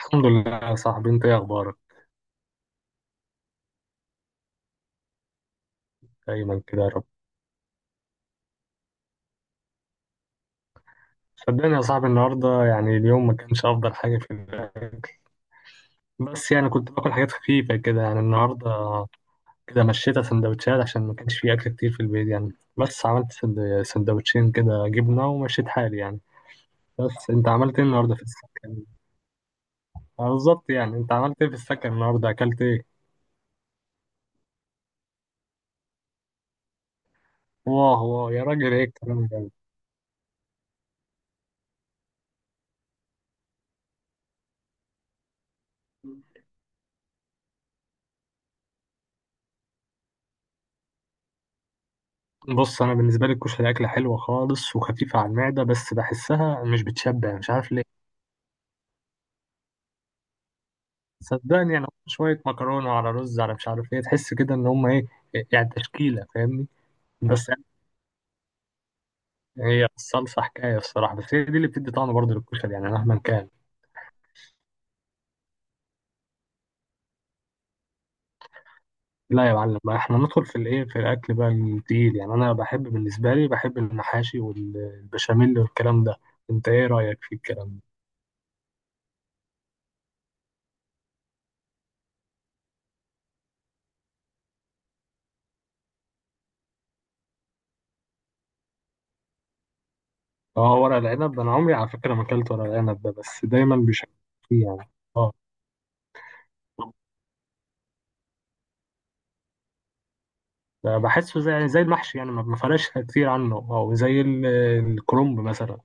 الحمد لله يا صاحبي، انت ايه اخبارك؟ دايما كده يا رب. صدقني يا صاحبي النهارده يعني اليوم ما كانش افضل حاجه في الاكل. بس يعني كنت باكل حاجات خفيفه كده يعني النهارده، كده مشيت سندوتشات عشان ما كانش في اكل كتير في البيت يعني. بس عملت سندوتشين كده جبنه ومشيت حالي يعني. بس انت عملت ايه النهارده في السكن؟ اه بالظبط، يعني انت عملت ايه في السكن النهارده، اكلت ايه؟ واه واه يا راجل، ايه الكلام ده! بص انا بالنسبه لي الكشري اكله حلوه خالص وخفيفه على المعده، بس بحسها مش بتشبع، مش عارف ليه. صدقني يعني هم شوية مكرونة على رز على مش عارف ايه، تحس كده ان هم ايه يعني، تشكيلة، فاهمني؟ بس يعني هي الصلصة حكاية الصراحة، بس هي دي اللي بتدي طعم برضه للكشري يعني مهما كان. لا يا معلم بقى، احنا ندخل في الايه، في الاكل بقى التقيل، يعني انا بحب بالنسبة لي بحب المحاشي والبشاميل والكلام ده. انت ايه رأيك في الكلام ده؟ اه ورق العنب، انا عمري على فكرة ما اكلت ورق العنب ده، بس دايما بيشكل فيه يعني. اه بحسه زي يعني زي المحشي يعني ما فرقش كتير عنه، او زي الكرنب مثلا.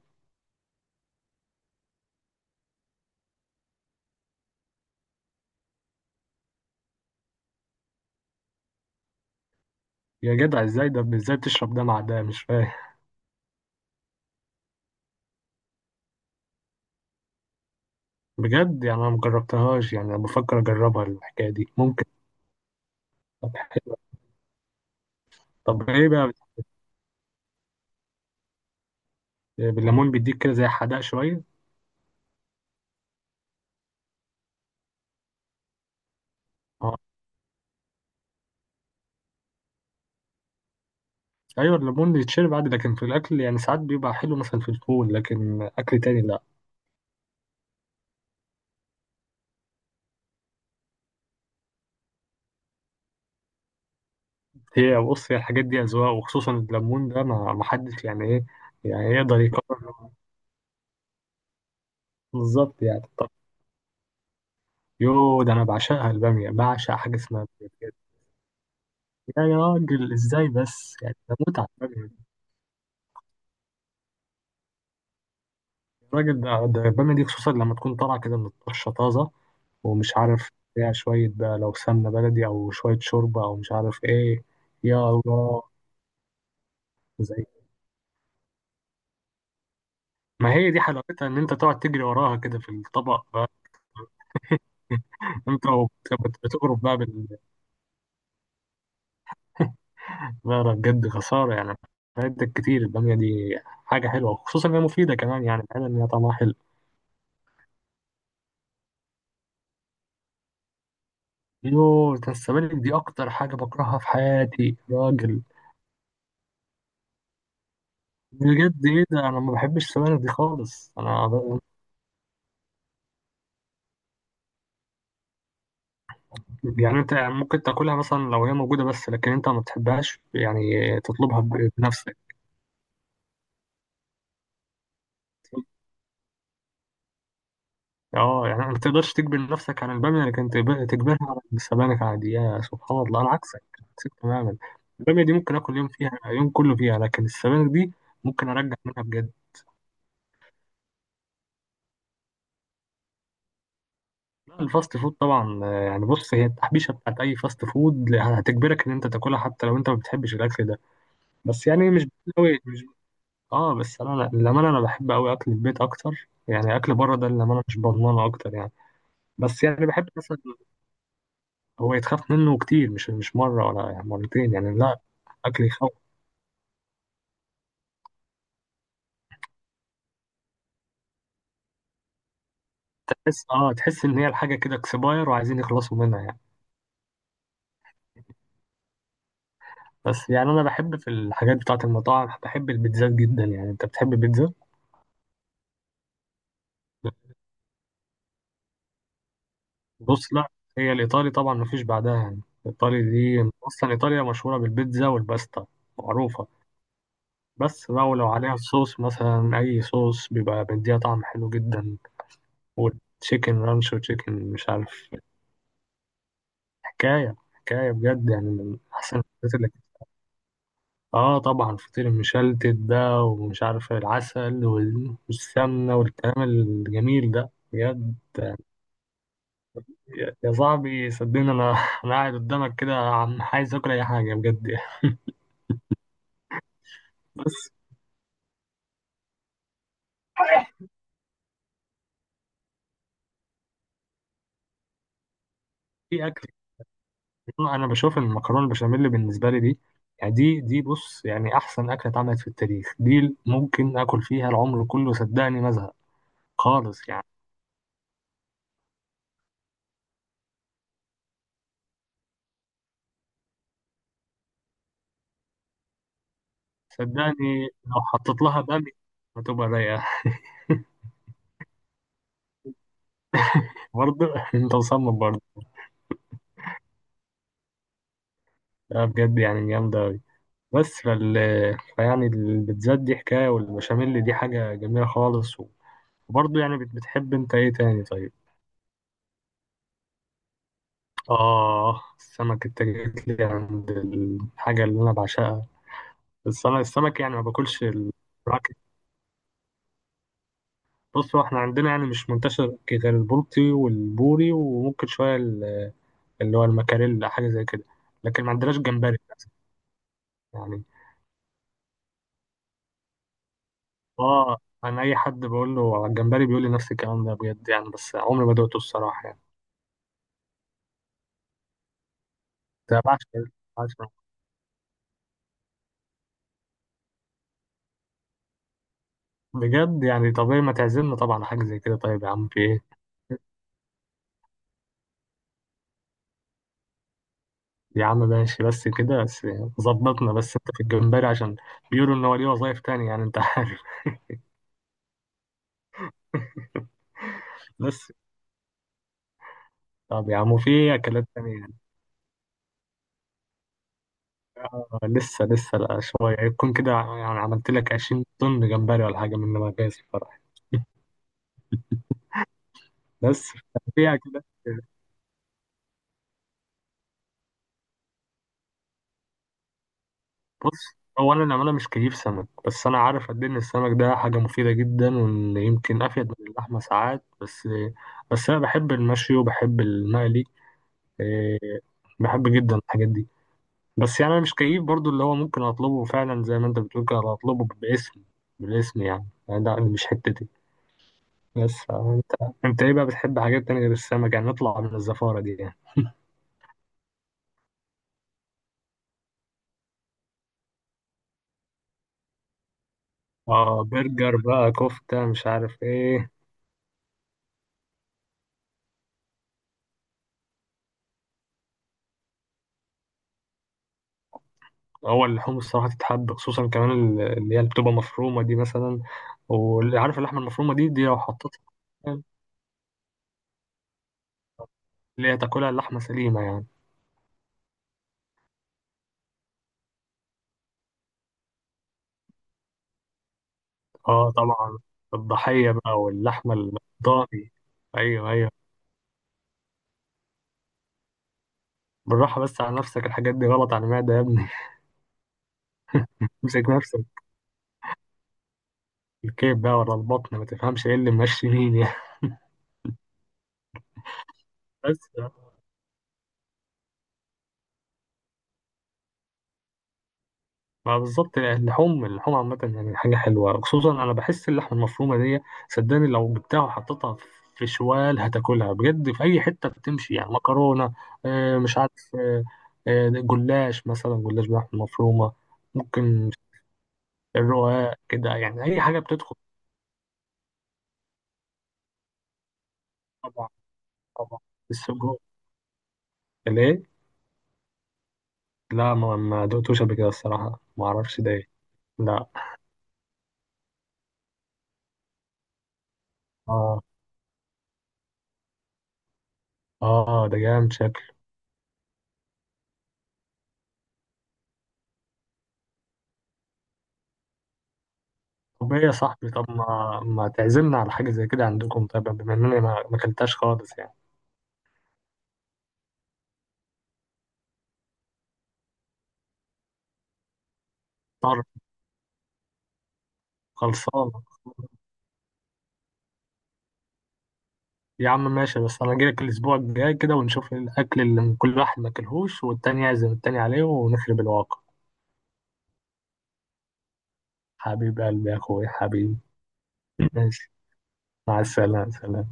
يا جدع ازاي ده؟ ازاي بتشرب دلع ده، مش فاهم! بجد يعني انا مجربتهاش، يعني انا بفكر اجربها الحكايه دي ممكن. طب حلو. طب ايه بقى بالليمون، بيديك كده زي حدق شويه. اه ايوه الليمون يتشرب عادي، لكن في الاكل يعني ساعات بيبقى حلو مثلا في الفول، لكن اكل تاني لا. هي بص هي الحاجات دي اذواق، وخصوصا الليمون ده ما حدش يعني ايه، يعني يقدر يقرر. بالظبط يعني، طب. يو ده انا بعشقها الباميه، بعشق حاجه اسمها باميه بجد. يا راجل ازاي بس يعني؟ ده متعه! الراجل ده ده بيعمل دي خصوصا لما تكون طالع كده من الطشه طازه، ومش عارف فيها شويه بقى لو سمنه بلدي او شويه شوربه او مش عارف ايه. يا الله، زي. ما هي دي حلاوتها، ان انت تقعد تجري وراها كده في الطبق بقى. انت وبت- بتقرب بقى بال... لا لا بجد خساره يعني، فايدتك كتير الباميه دي، حاجه حلوه، خصوصا انها مفيده كمان، يعني الحلوه ان هي طعمها حلو. يوه ده السبانخ دي اكتر حاجه بكرهها في حياتي يا راجل. بجد ايه ده؟ انا ما بحبش السبانخ دي خالص انا. يعني انت ممكن تاكلها مثلا لو هي موجوده بس، لكن انت ما بتحبهاش، يعني تطلبها بنفسك. اه يعني ما تقدرش تجبر نفسك على الباميه، لكن تجبرها على السبانخ عادي؟ يا سبحان الله، انا عكسك، عكسك تماما. الباميه دي ممكن اكل يوم فيها يوم كله فيها، لكن السبانخ دي ممكن ارجع منها بجد. لا، الفاست فود طبعا، آه، يعني بص هي التحبيشه بتاعت اي فاست فود هتجبرك ان انت تاكلها حتى لو انت ما بتحبش الاكل ده، بس يعني مش قوي. اه بس انا للامانه انا بحب قوي اكل البيت اكتر، يعني اكل بره ده للامانه مش بضمانه اكتر يعني. بس يعني بحب مثلا، هو يتخاف منه كتير، مش مره ولا يعني مرتين يعني، لا. اكل يخوف. تحس اه تحس ان هي الحاجه كده اكسباير وعايزين يخلصوا منها يعني. بس يعني انا بحب في الحاجات بتاعه المطاعم، بحب البيتزات جدا يعني. انت بتحب البيتزا؟ بص لا، هي الايطالي طبعا مفيش بعدها يعني، الايطالي دي اصلا ايطاليا مشهوره بالبيتزا والباستا، معروفه. بس بقى ولو عليها الصوص مثلا أي صوص بيبقى مديها طعم حلو جدا، وتشيكن رانش وتشيكن مش عارف، حكاية حكاية بجد، يعني من أحسن الحاجات اللي. آه طبعا فطير المشلتت ده ومش عارف العسل والسمنة والكلام الجميل ده بجد. يا يا صاحبي صدقني أنا أنا قاعد قدامك كده عم عايز آكل أي حاجة بجد يعني. بس في أكل. انا بشوف ان المكرونه البشاميل بالنسبه لي دي، يعني دي بص يعني احسن اكله اتعملت في التاريخ، دي ممكن اكل فيها العمر كله، صدقني ما ازهق خالص يعني. صدقني لو حطيت لها بامي هتبقى رايقه. برضه، انت مصمم برضه. لا بجد يعني جامده أوي. بس فال، فيعني البيتزات دي حكايه، والبشاميل دي حاجه جميله خالص. وبرضه يعني بتحب انت ايه تاني طيب؟ اه السمك، انت جيت لي عند الحاجه اللي انا بعشقها، بس انا السمك يعني ما باكلش البراكت. بص هو احنا عندنا يعني مش منتشر غير البلطي والبوري، وممكن شويه اللي هو المكاريل، حاجه زي كده. لكن ما عندناش جمبري للأسف. يعني اه انا اي حد بقول له على الجمبري بيقول لي نفس الكلام ده بجد يعني، بس عمري ما دقته الصراحه يعني. ده بعشق، بعشق. بجد يعني طبيعي، ما تعزمنا طبعا على حاجه زي كده، طيب يا عم في ايه. يا عم ماشي، بس كده بس، ظبطنا. بس انت في الجمبري، عشان بيقولوا ان هو ليه وظايف تانية يعني، انت عارف. بس طب يا عم، وفي أكلات تانية يعني؟ آه لسه لسه، لا شوية يكون كده، يعني عملت لك 20 طن جمبري ولا حاجة من لما جاي الفرح. بس فيها كده، بص هو أنا مش كيف سمك، بس أنا عارف قد إيه إن السمك ده حاجة مفيدة جدا، وإن يمكن أفيد من اللحمة ساعات. بس بس أنا بحب المشي وبحب المقلي، إيه، بحب جدا الحاجات دي. بس يعني أنا مش كيف برضو، اللي هو ممكن أطلبه فعلا زي ما أنت بتقول كده، أطلبه باسم، بالاسم يعني، يعني ده مش حتتي. بس آه، انت ايه بقى بتحب حاجات تانية غير السمك، يعني نطلع من الزفارة دي يعني. اه برجر بقى، كفتة، مش عارف ايه. هو اللحوم الصراحة تتحب، خصوصا كمان اللي هي اللي بتبقى مفرومة دي مثلا، واللي عارف اللحمة المفرومة دي لو حطيتها، اللي هي تاكلها اللحمة سليمة يعني. اه طبعا، الضحية بقى واللحمة الضاني. ايوه ايوه، بالراحة بس على نفسك، الحاجات دي غلط على المعدة يا ابني. امسك نفسك، الكيف بقى، ولا البطن ما تفهمش ايه اللي ماشي مين يعني. بس يعني. ما بالظبط اللحوم، اللحوم عامة يعني حاجة حلوة، خصوصا أنا بحس اللحمة المفرومة دي، صدقني لو جبتها وحطيتها في شوال هتاكلها بجد، في أي حتة بتمشي يعني، مكرونة، آه، مش عارف، آه، آه، جلاش مثلا، جلاش بلحمة مفرومة، ممكن الرقاق كده، يعني أي حاجة بتدخل. طبعا طبعا. السجق؟ ليه؟ لا ما دقتوش قبل كده الصراحة، ما أعرفش ده إيه. لا. آه آه ده جامد شكله. طب ايه يا صاحبي، طب ما تعزمنا على حاجة زي كده عندكم، طيب بما انني ما اكلتهاش خالص يعني. طر. خلصانة. يا عم ماشي، بس انا اجيلك الاسبوع الجاي كده ونشوف الاكل اللي من كل واحد ما اكلهوش، والتاني يعزم التاني عليه، ونخرب الواقع. حبيب قلبي يا اخويا، حبيبي. ماشي، مع السلامة، سلام.